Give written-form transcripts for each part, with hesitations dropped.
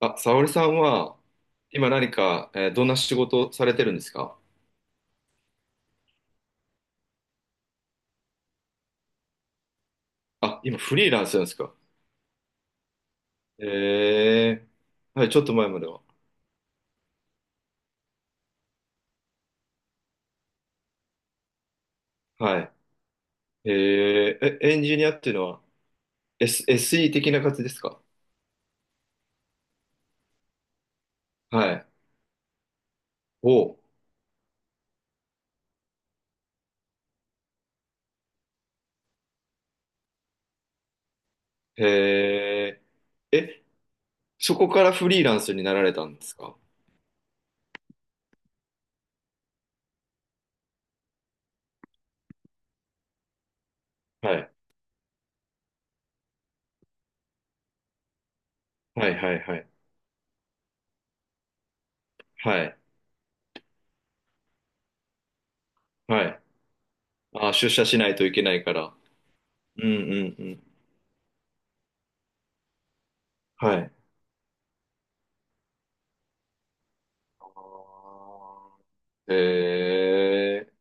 あ、沙織さんは、今何か、どんな仕事をされてるんですか？あ、今フリーランスなんですか？えー、はい、ちょっと前までは。はい。え、ーえ、エンジニアっていうのは、SE 的な感じですか？はい。おう。えーえ、そこからフリーランスになられたんですか？はい。はい、はい、はい。はい。はい。あ、出社しないといけないから。うん、うん、うん。はい。あーえ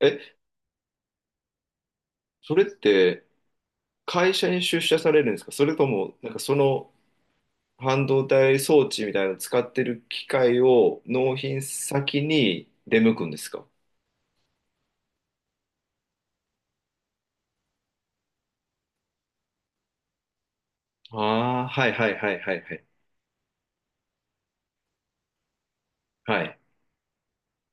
ー、え、それって会社に出社されるんですか、それとも、なんかその半導体装置みたいなのを使ってる機械を納品先に出向くんですか？ああー、はいはいはいはいはい。はい。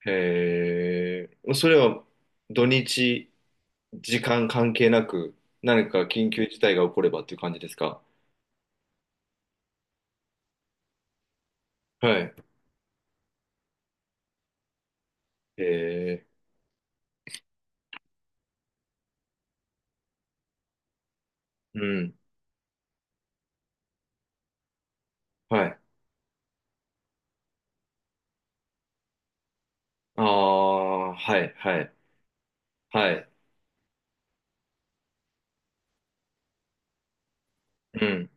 へえ、それは土日、時間関係なく、何か緊急事態が起こればっていう感じですか？はい。へえ、うん。はい。ああ、はいはい。はい。うん。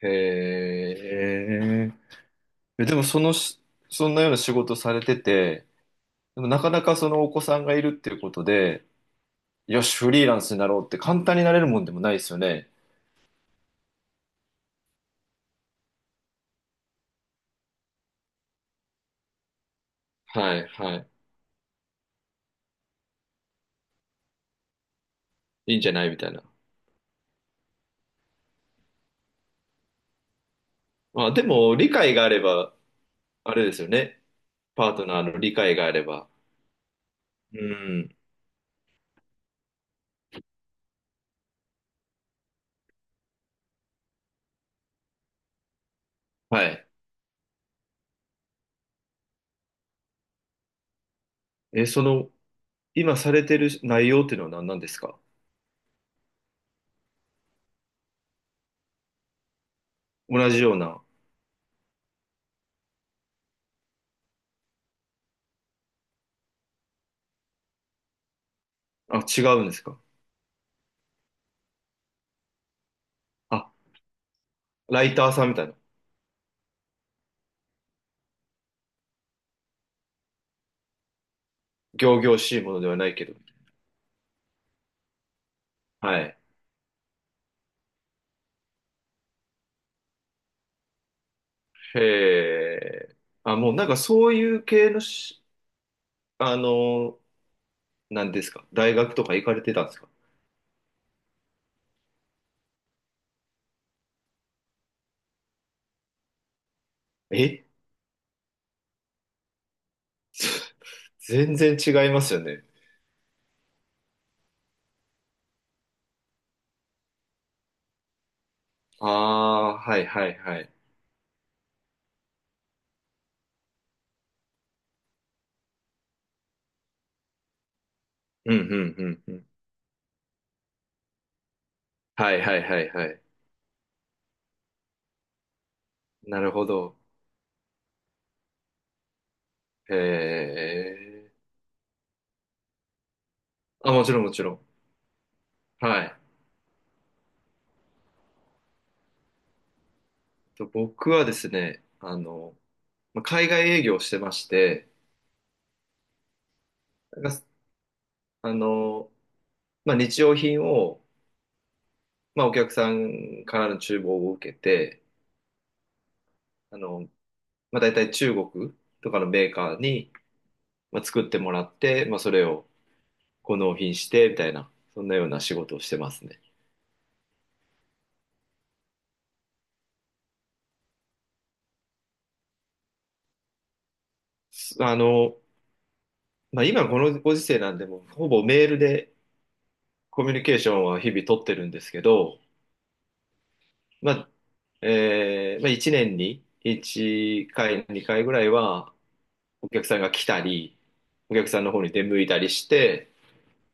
へえ、え、でもそのし、そんなような仕事されてて、でもなかなかそのお子さんがいるっていうことで、よし、フリーランスになろうって簡単になれるもんでもないですよね。はい、はい。いいんじゃないみたいな。まあ、でも、理解があれば、あれですよね。パートナーの理解があれば。うん。はい。え、その、今されてる内容っていうのは何なんですか？同じような。あ、違うんですか？あ、ライターさんみたいな。仰々しいものではないけど。はい。へえ。あ、もうなんかそういう系のし、あの、なんですか。大学とか行かれてたんですか？え、全然違いますよね。ああー、はいはいはい。うんうんうんうん。はいはいはいはい。なるほど。へえ。あ、もちろんもちろん。はい。僕はですね、あの、まあ海外営業をしてまして、なんか、あの、まあ、日用品を、まあ、お客さんからの注文を受けて、あの、まあ、大体中国とかのメーカーに、まあ、作ってもらって、まあ、それをこう納品してみたいな、そんなような仕事をしてますね。あの、まあ、今このご時世なんで、もうほぼメールでコミュニケーションは日々取ってるんですけど、まあ、まあ、1年に1回、2回ぐらいはお客さんが来たり、お客さんの方に出向いたりして、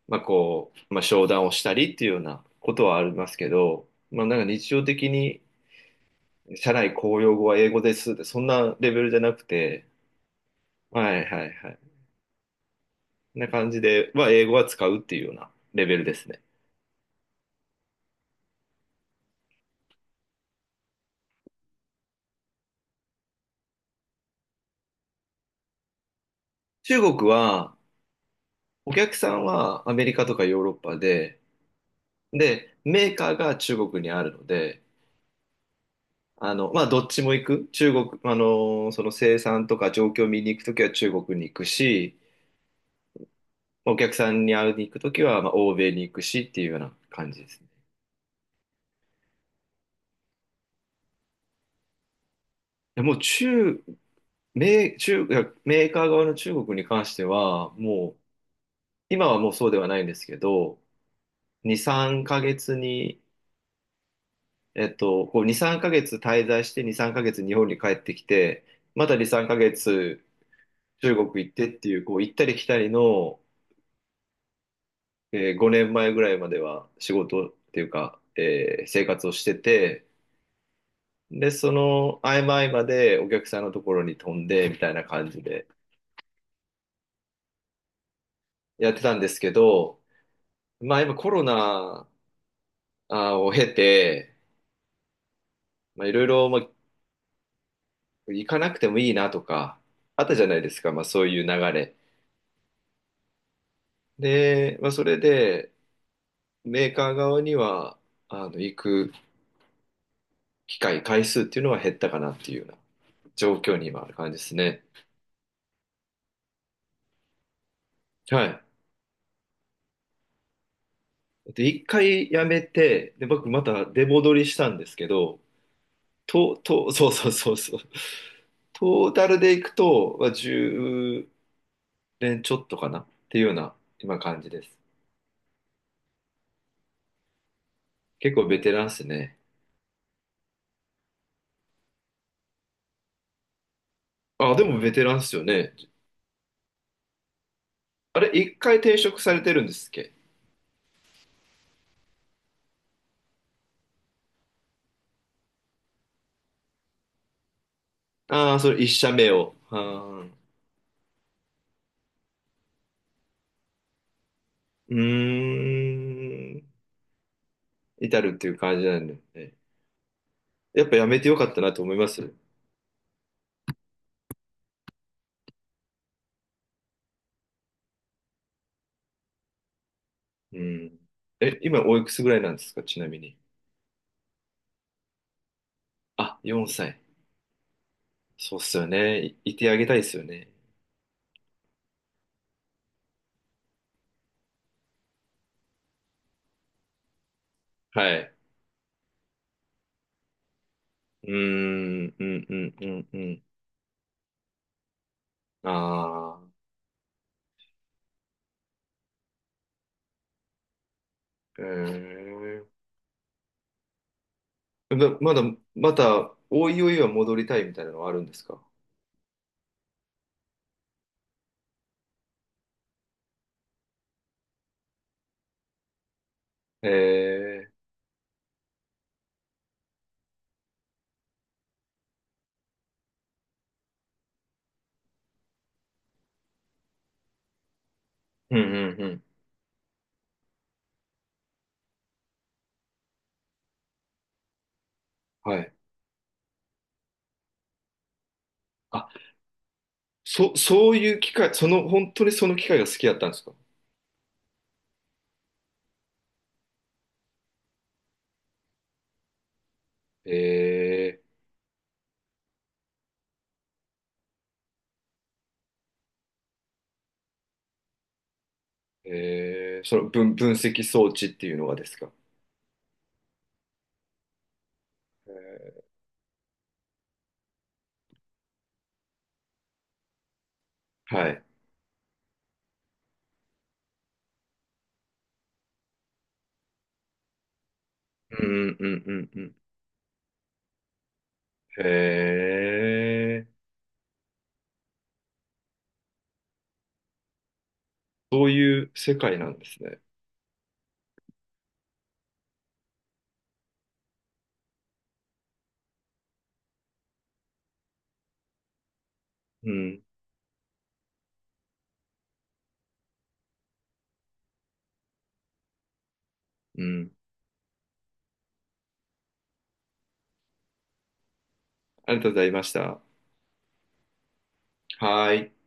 まあこう、まあ、商談をしたりっていうようなことはありますけど、まあ、なんか日常的に社内公用語は英語ですって、そんなレベルじゃなくて、はいはいはい。な感じで、英語は使うっていうようなレベルですね。中国は、お客さんはアメリカとかヨーロッパで、で、メーカーが中国にあるので、あの、まあ、どっちも行く。中国、あの、その生産とか状況を見に行くときは中国に行くし、お客さんに会いに行くときは、まあ、欧米に行くしっていうような感じですね。でもう中、メー、中、いやメーカー側の中国に関しては、もう今はもうそうではないんですけど、2、3ヶ月に、えっと、こう2、3ヶ月滞在して、2、3ヶ月日本に帰ってきて、また2、3ヶ月中国行ってっていう、こう行ったり来たりの、5年前ぐらいまでは仕事っていうか、生活をしてて、で、その合間合間でお客さんのところに飛んでみたいな感じでやってたんですけど、まあ今コロナを経て、まあいろいろ、まあ行かなくてもいいなとか、あったじゃないですか、まあそういう流れ。で、まあそれで、メーカー側には、あの、行く機会、回数っていうのは減ったかなっていうような状況に今ある感じですね。はい。で、一回やめて、で、僕また出戻りしたんですけど、そうそうそうそう。トータルでいくと、まあ、10年ちょっとかなっていうような今感じです。結構ベテランっすね。あ、でもベテランっすよね。あれ、一回停職されてるんですっけ？ああー、それ一社目を。あー、うーん。至るっていう感じなんで、ね。やっぱやめてよかったなと思います。うん。え、今おいくつぐらいなんですか、ちなみに。あ、4歳。そうっすよね。いてあげたいですよね。はい。うーん、うん、うん、うん、うん。ああ、へえ。ま、まだ、また、おいおいは戻りたいみたいなのはあるんですか？へえ。うん、うん、うん。はい。あ、そういう機会、その、本当にその機会が好きだったんですか？えその分析装置っていうのがですか？えー、はい。うんうんうんうん。へえ、そういう世界なんですね。うん、うん。ありがとうございました。はーい。